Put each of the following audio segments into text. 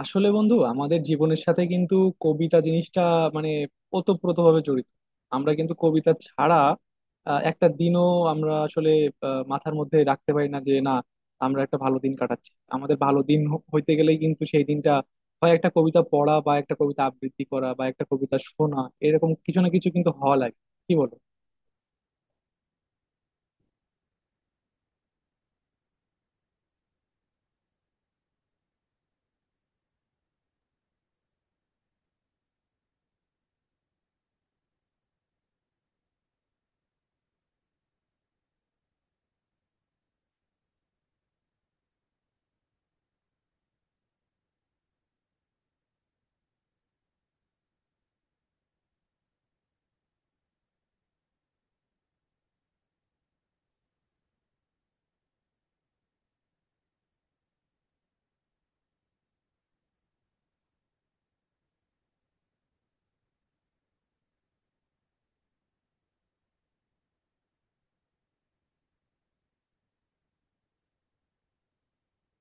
আসলে বন্ধু, আমাদের জীবনের সাথে কিন্তু কবিতা জিনিসটা মানে ওতপ্রোতভাবে জড়িত। আমরা কিন্তু কবিতা ছাড়া একটা দিনও আমরা আসলে মাথার মধ্যে রাখতে পারি না যে না, আমরা একটা ভালো দিন কাটাচ্ছি। আমাদের ভালো দিন হইতে গেলেই কিন্তু সেই দিনটা হয় একটা কবিতা পড়া বা একটা কবিতা আবৃত্তি করা বা একটা কবিতা শোনা, এরকম কিছু না কিছু কিন্তু হওয়া লাগে। কি বলো?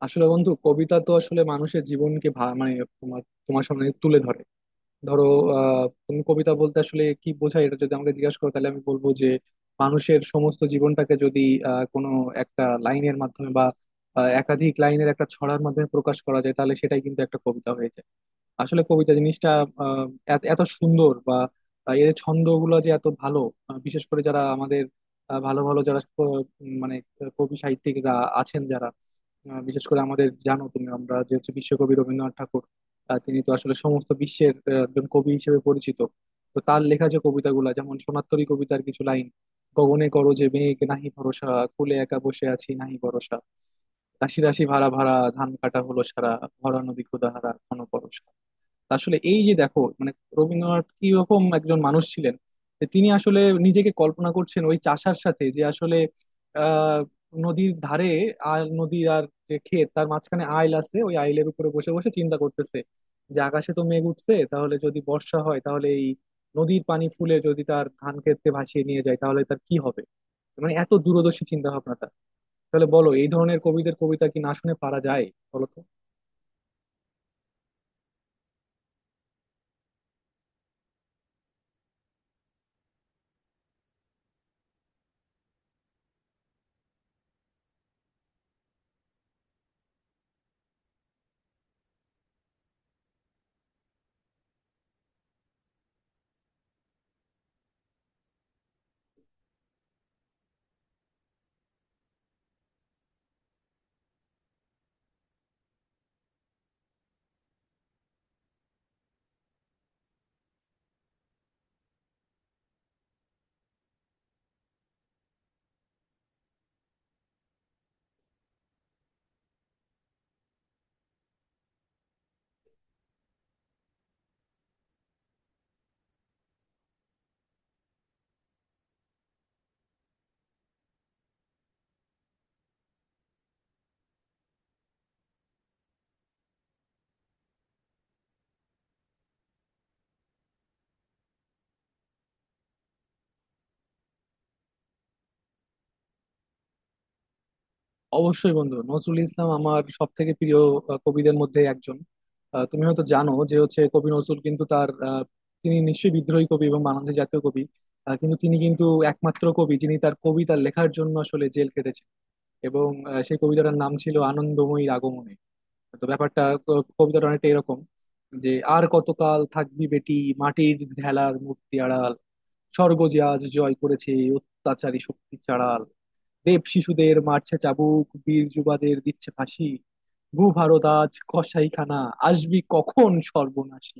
আসলে বন্ধু, কবিতা তো আসলে মানুষের জীবনকে মানে তোমার তোমার সামনে তুলে ধরে। ধরো, তুমি কবিতা বলতে আসলে কি বোঝায় এটা যদি আমাকে জিজ্ঞাসা করো তাহলে আমি বলবো যে মানুষের সমস্ত জীবনটাকে যদি কোনো একটা লাইনের মাধ্যমে বা একাধিক লাইনের একটা ছড়ার মাধ্যমে প্রকাশ করা যায় তাহলে সেটাই কিন্তু একটা কবিতা হয়ে যায়। আসলে কবিতা জিনিসটা আহ এত এত সুন্দর, বা এর ছন্দগুলো যে এত ভালো। বিশেষ করে যারা আমাদের ভালো ভালো যারা মানে কবি সাহিত্যিকরা আছেন যারা, বিশেষ করে আমাদের, জানো তুমি, আমরা যে হচ্ছে বিশ্বকবি রবীন্দ্রনাথ ঠাকুর। তিনি তো আসলে সমস্ত বিশ্বের একজন কবি হিসেবে পরিচিত। তো তার লেখা যে কবিতাগুলা, যেমন সোনারতরী কবিতার কিছু লাইন: গগনে করো যে মেঘ নাহি ভরসা, কূলে একা বসে আছি নাহি ভরসা, রাশি রাশি ভাড়া ভাড়া ধান কাটা হলো সারা, ভরা নদী ক্ষুধাহারা ঘন পরশা। তা আসলে এই যে দেখো, মানে রবীন্দ্রনাথ কি রকম একজন মানুষ ছিলেন যে তিনি আসলে নিজেকে কল্পনা করছেন ওই চাষার সাথে, যে আসলে আহ নদীর ধারে, আর নদী আর যে ক্ষেত তার মাঝখানে আইল আছে, ওই আইলের উপরে বসে বসে চিন্তা করতেছে যে আকাশে তো মেঘ উঠছে, তাহলে যদি বর্ষা হয় তাহলে এই নদীর পানি ফুলে যদি তার ধান ক্ষেতে ভাসিয়ে নিয়ে যায় তাহলে তার কি হবে। মানে এত দূরদর্শী চিন্তা ভাবনাটা, তাহলে বলো এই ধরনের কবিদের কবিতা কি না শুনে পারা যায়, বলো তো? অবশ্যই বন্ধু, নজরুল ইসলাম আমার সব থেকে প্রিয় কবিদের মধ্যে একজন। তুমি হয়তো জানো যে হচ্ছে, কবি নজরুল কিন্তু তার তিনি নিশ্চয়ই বিদ্রোহী কবি এবং বাংলাদেশের জাতীয় কবি। কিন্তু তিনি কিন্তু একমাত্র কবি যিনি তার কবিতা লেখার জন্য আসলে জেল কেটেছেন, এবং সেই কবিতাটার নাম ছিল আনন্দময়ী আগমনে। তো ব্যাপারটা, কবিতাটা অনেকটা এরকম: যে আর কতকাল থাকবি বেটি মাটির ঢেলার মূর্তি আড়াল, স্বর্গ যে আজ জয় করেছে অত্যাচারী শক্তি চাড়াল, রেপ শিশুদের মারছে চাবুক বীর যুবাদের দিচ্ছে ফাঁসি, ভূ ভারত আজ কসাইখানা আসবি কখন সর্বনাশী।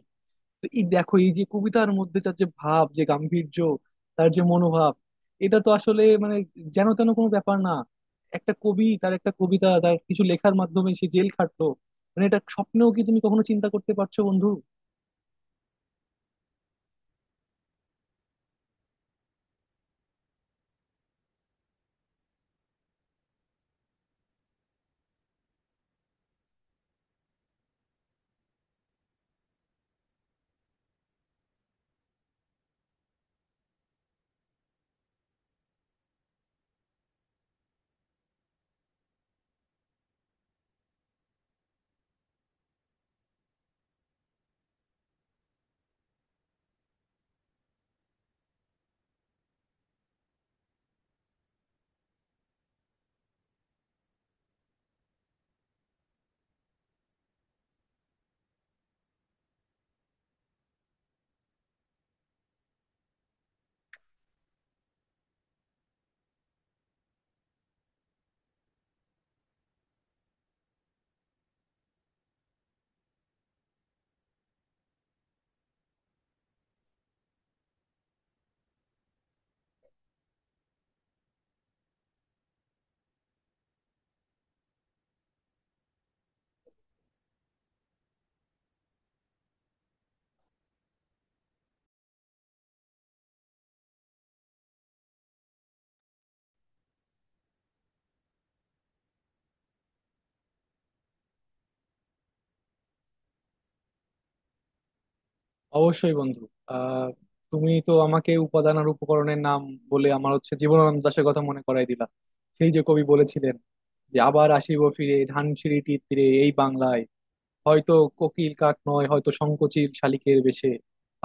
তো এই দেখো, এই যে কবিতার মধ্যে তার যে ভাব যে গাম্ভীর্য, তার যে মনোভাব, এটা তো আসলে মানে যেন তেন কোনো ব্যাপার না। একটা কবি তার একটা কবিতা, তার কিছু লেখার মাধ্যমে সে জেল খাটলো, মানে এটা স্বপ্নেও কি তুমি কখনো চিন্তা করতে পারছো বন্ধু? অবশ্যই বন্ধু, আহ তুমি তো আমাকে উপাদান আর উপকরণের নাম বলে আমার হচ্ছে জীবনানন্দ দাশের কথা মনে করাই দিলা। সেই যে কবি বলেছিলেন যে আবার আসিব ফিরে ধানসিঁড়িটির তীরে এই বাংলায়, হয়তো কোকিল কাক নয় হয়তো সংকোচিল শালিকের বেশে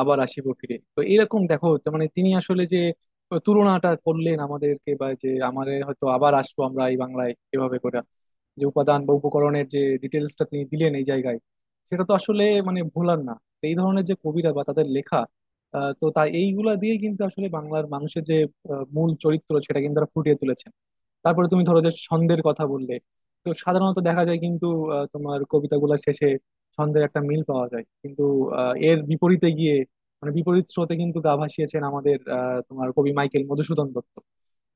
আবার আসিব ফিরে। তো এরকম দেখো, যে মানে তিনি আসলে যে তুলনাটা করলেন আমাদেরকে, বা যে আমাদের হয়তো আবার আসবো আমরা এই বাংলায় এভাবে করে, যে উপাদান বা উপকরণের যে ডিটেলসটা তিনি দিলেন এই জায়গায়, সেটা তো আসলে মানে ভোলার না। তো এই ধরনের যে কবিরা বা তাদের লেখা, তো তাই এইগুলা দিয়ে কিন্তু আসলে বাংলার মানুষের যে মূল চরিত্র সেটা কিন্তু তারা ফুটিয়ে তুলেছেন। তারপরে তুমি ধরো যে ছন্দের কথা বললে, তো সাধারণত দেখা যায় কিন্তু তোমার কবিতাগুলোর শেষে ছন্দের একটা মিল পাওয়া যায়, কিন্তু এর বিপরীতে গিয়ে মানে বিপরীত স্রোতে কিন্তু গা ভাসিয়েছেন আমাদের তোমার কবি মাইকেল মধুসূদন দত্ত।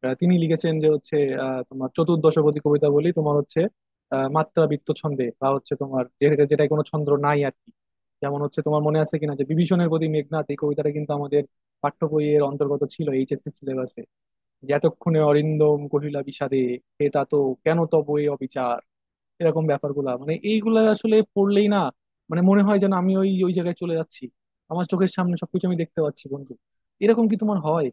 তিনি লিখেছেন যে হচ্ছে তোমার চতুর্দশপদী কবিতা, বলি তোমার হচ্ছে মাত্রাবৃত্ত ছন্দে, বা হচ্ছে তোমার যেটা যেটা কোনো ছন্দ নাই আর কি। যেমন হচ্ছে, তোমার মনে আছে কিনা যে বিভীষণের প্রতি মেঘনাদ, এই কবিতাটা কিন্তু আমাদের পাঠ্য বইয়ের অন্তর্গত ছিল HSC সিলেবাসে। যে এতক্ষণে অরিন্দম কহিলা বিষাদে হে তা তো, কেন তব এ অবিচার। এরকম ব্যাপারগুলা মানে এইগুলা আসলে পড়লেই না, মানে মনে হয় যেন আমি ওই ওই জায়গায় চলে যাচ্ছি, আমার চোখের সামনে সবকিছু আমি দেখতে পাচ্ছি বন্ধু। এরকম কি তোমার হয়?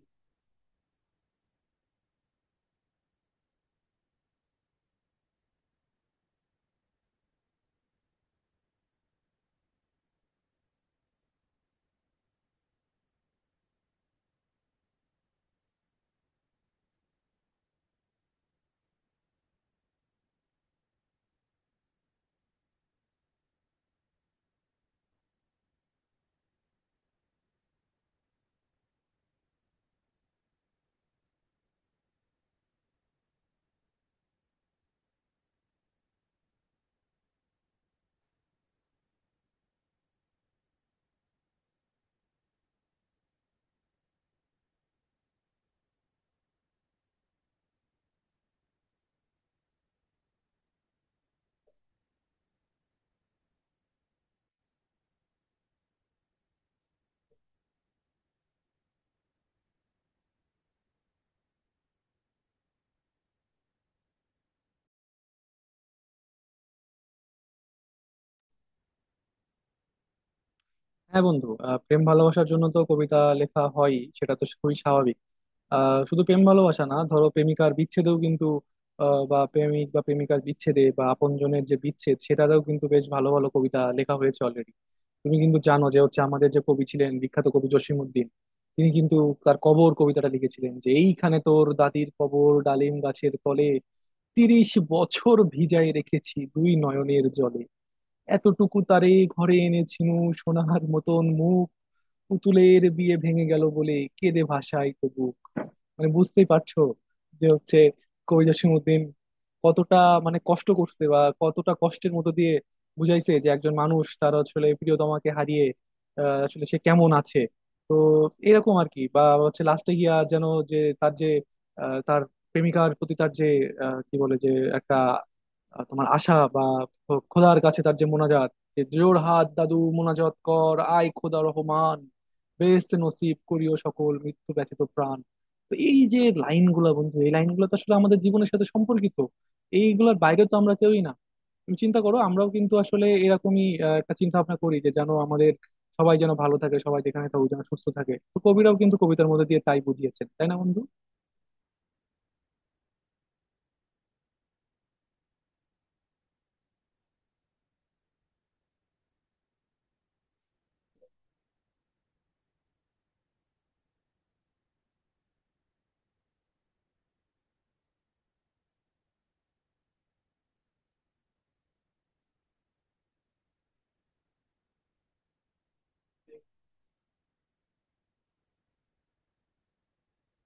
হ্যাঁ বন্ধু, প্রেম ভালোবাসার জন্য তো কবিতা লেখা হয়, সেটা তো খুবই স্বাভাবিক। শুধু প্রেম ভালোবাসা না, ধরো প্রেমিকার বিচ্ছেদেও কিন্তু, বা প্রেমিক বা প্রেমিকার বিচ্ছেদে বা আপনজনের যে বিচ্ছেদ সেটাতেও কিন্তু বেশ ভালো ভালো কবিতা লেখা হয়েছে অলরেডি। তুমি কিন্তু জানো যে হচ্ছে আমাদের যে কবি ছিলেন বিখ্যাত কবি জসিমউদ্দিন, তিনি কিন্তু তার কবর কবিতাটা লিখেছিলেন: যে এইখানে তোর দাদির কবর ডালিম গাছের তলে, 30 বছর ভিজায় রেখেছি দুই নয়নের জলে, এতটুকু তারে ঘরে এনেছিনু সোনার মতন মুখ, পুতুলের বিয়ে ভেঙে গেল বলে কেঁদে ভাসায় তো বুক। মানে বুঝতেই পারছো যে হচ্ছে কবি জসিমউদ্দিন কতটা মানে কষ্ট করছে, বা কতটা কষ্টের মতো দিয়ে বুঝাইছে যে একজন মানুষ তার আসলে প্রিয়তমাকে হারিয়ে আসলে সে কেমন আছে। তো এরকম আর কি, বা হচ্ছে লাস্টে গিয়া যেন, যে তার যে তার প্রেমিকার প্রতি তার যে কি বলে যে একটা তোমার আশা, বা খোদার কাছে তার যে মোনাজাত, যে জোর হাত দাদু মোনাজাত কর আয় খোদা রহমান, বেহেশতে নসিব করিও সকল মৃত্যু ব্যতীত প্রাণ। তো এই যে লাইনগুলা বন্ধু, এই লাইনগুলো তো আসলে আমাদের জীবনের সাথে সম্পর্কিত, এইগুলোর বাইরে তো আমরা কেউই না। তুমি চিন্তা করো, আমরাও কিন্তু আসলে এরকমই একটা চিন্তা ভাবনা করি যে যেন আমাদের সবাই যেন ভালো থাকে, সবাই যেখানে থাকুক যেন সুস্থ থাকে। তো কবিরাও কিন্তু কবিতার মধ্যে দিয়ে তাই বুঝিয়েছেন, তাই না বন্ধু?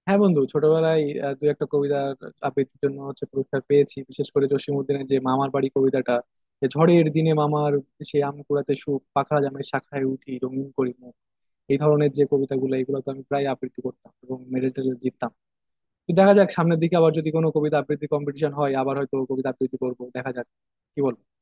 হ্যাঁ বন্ধু, ছোটবেলায় দু একটা কবিতার আবৃত্তির জন্য হচ্ছে পুরস্কার পেয়েছি, বিশেষ করে জসীমউদ্দিনের যে মামার বাড়ি কবিতাটা: যে ঝড়ের দিনে মামার সে আম কুড়াতে সুখ, পাখা জামের শাখায় উঠি রঙিন করি মুখ। এই ধরনের যে কবিতাগুলো এগুলো তো আমি প্রায় আবৃত্তি করতাম এবং মেডেল টেডেল জিততাম। তো দেখা যাক, সামনের দিকে আবার যদি কোনো কবিতা আবৃত্তি কম্পিটিশন হয় আবার হয়তো কবিতা আবৃত্তি করবো। দেখা যাক, কি বল?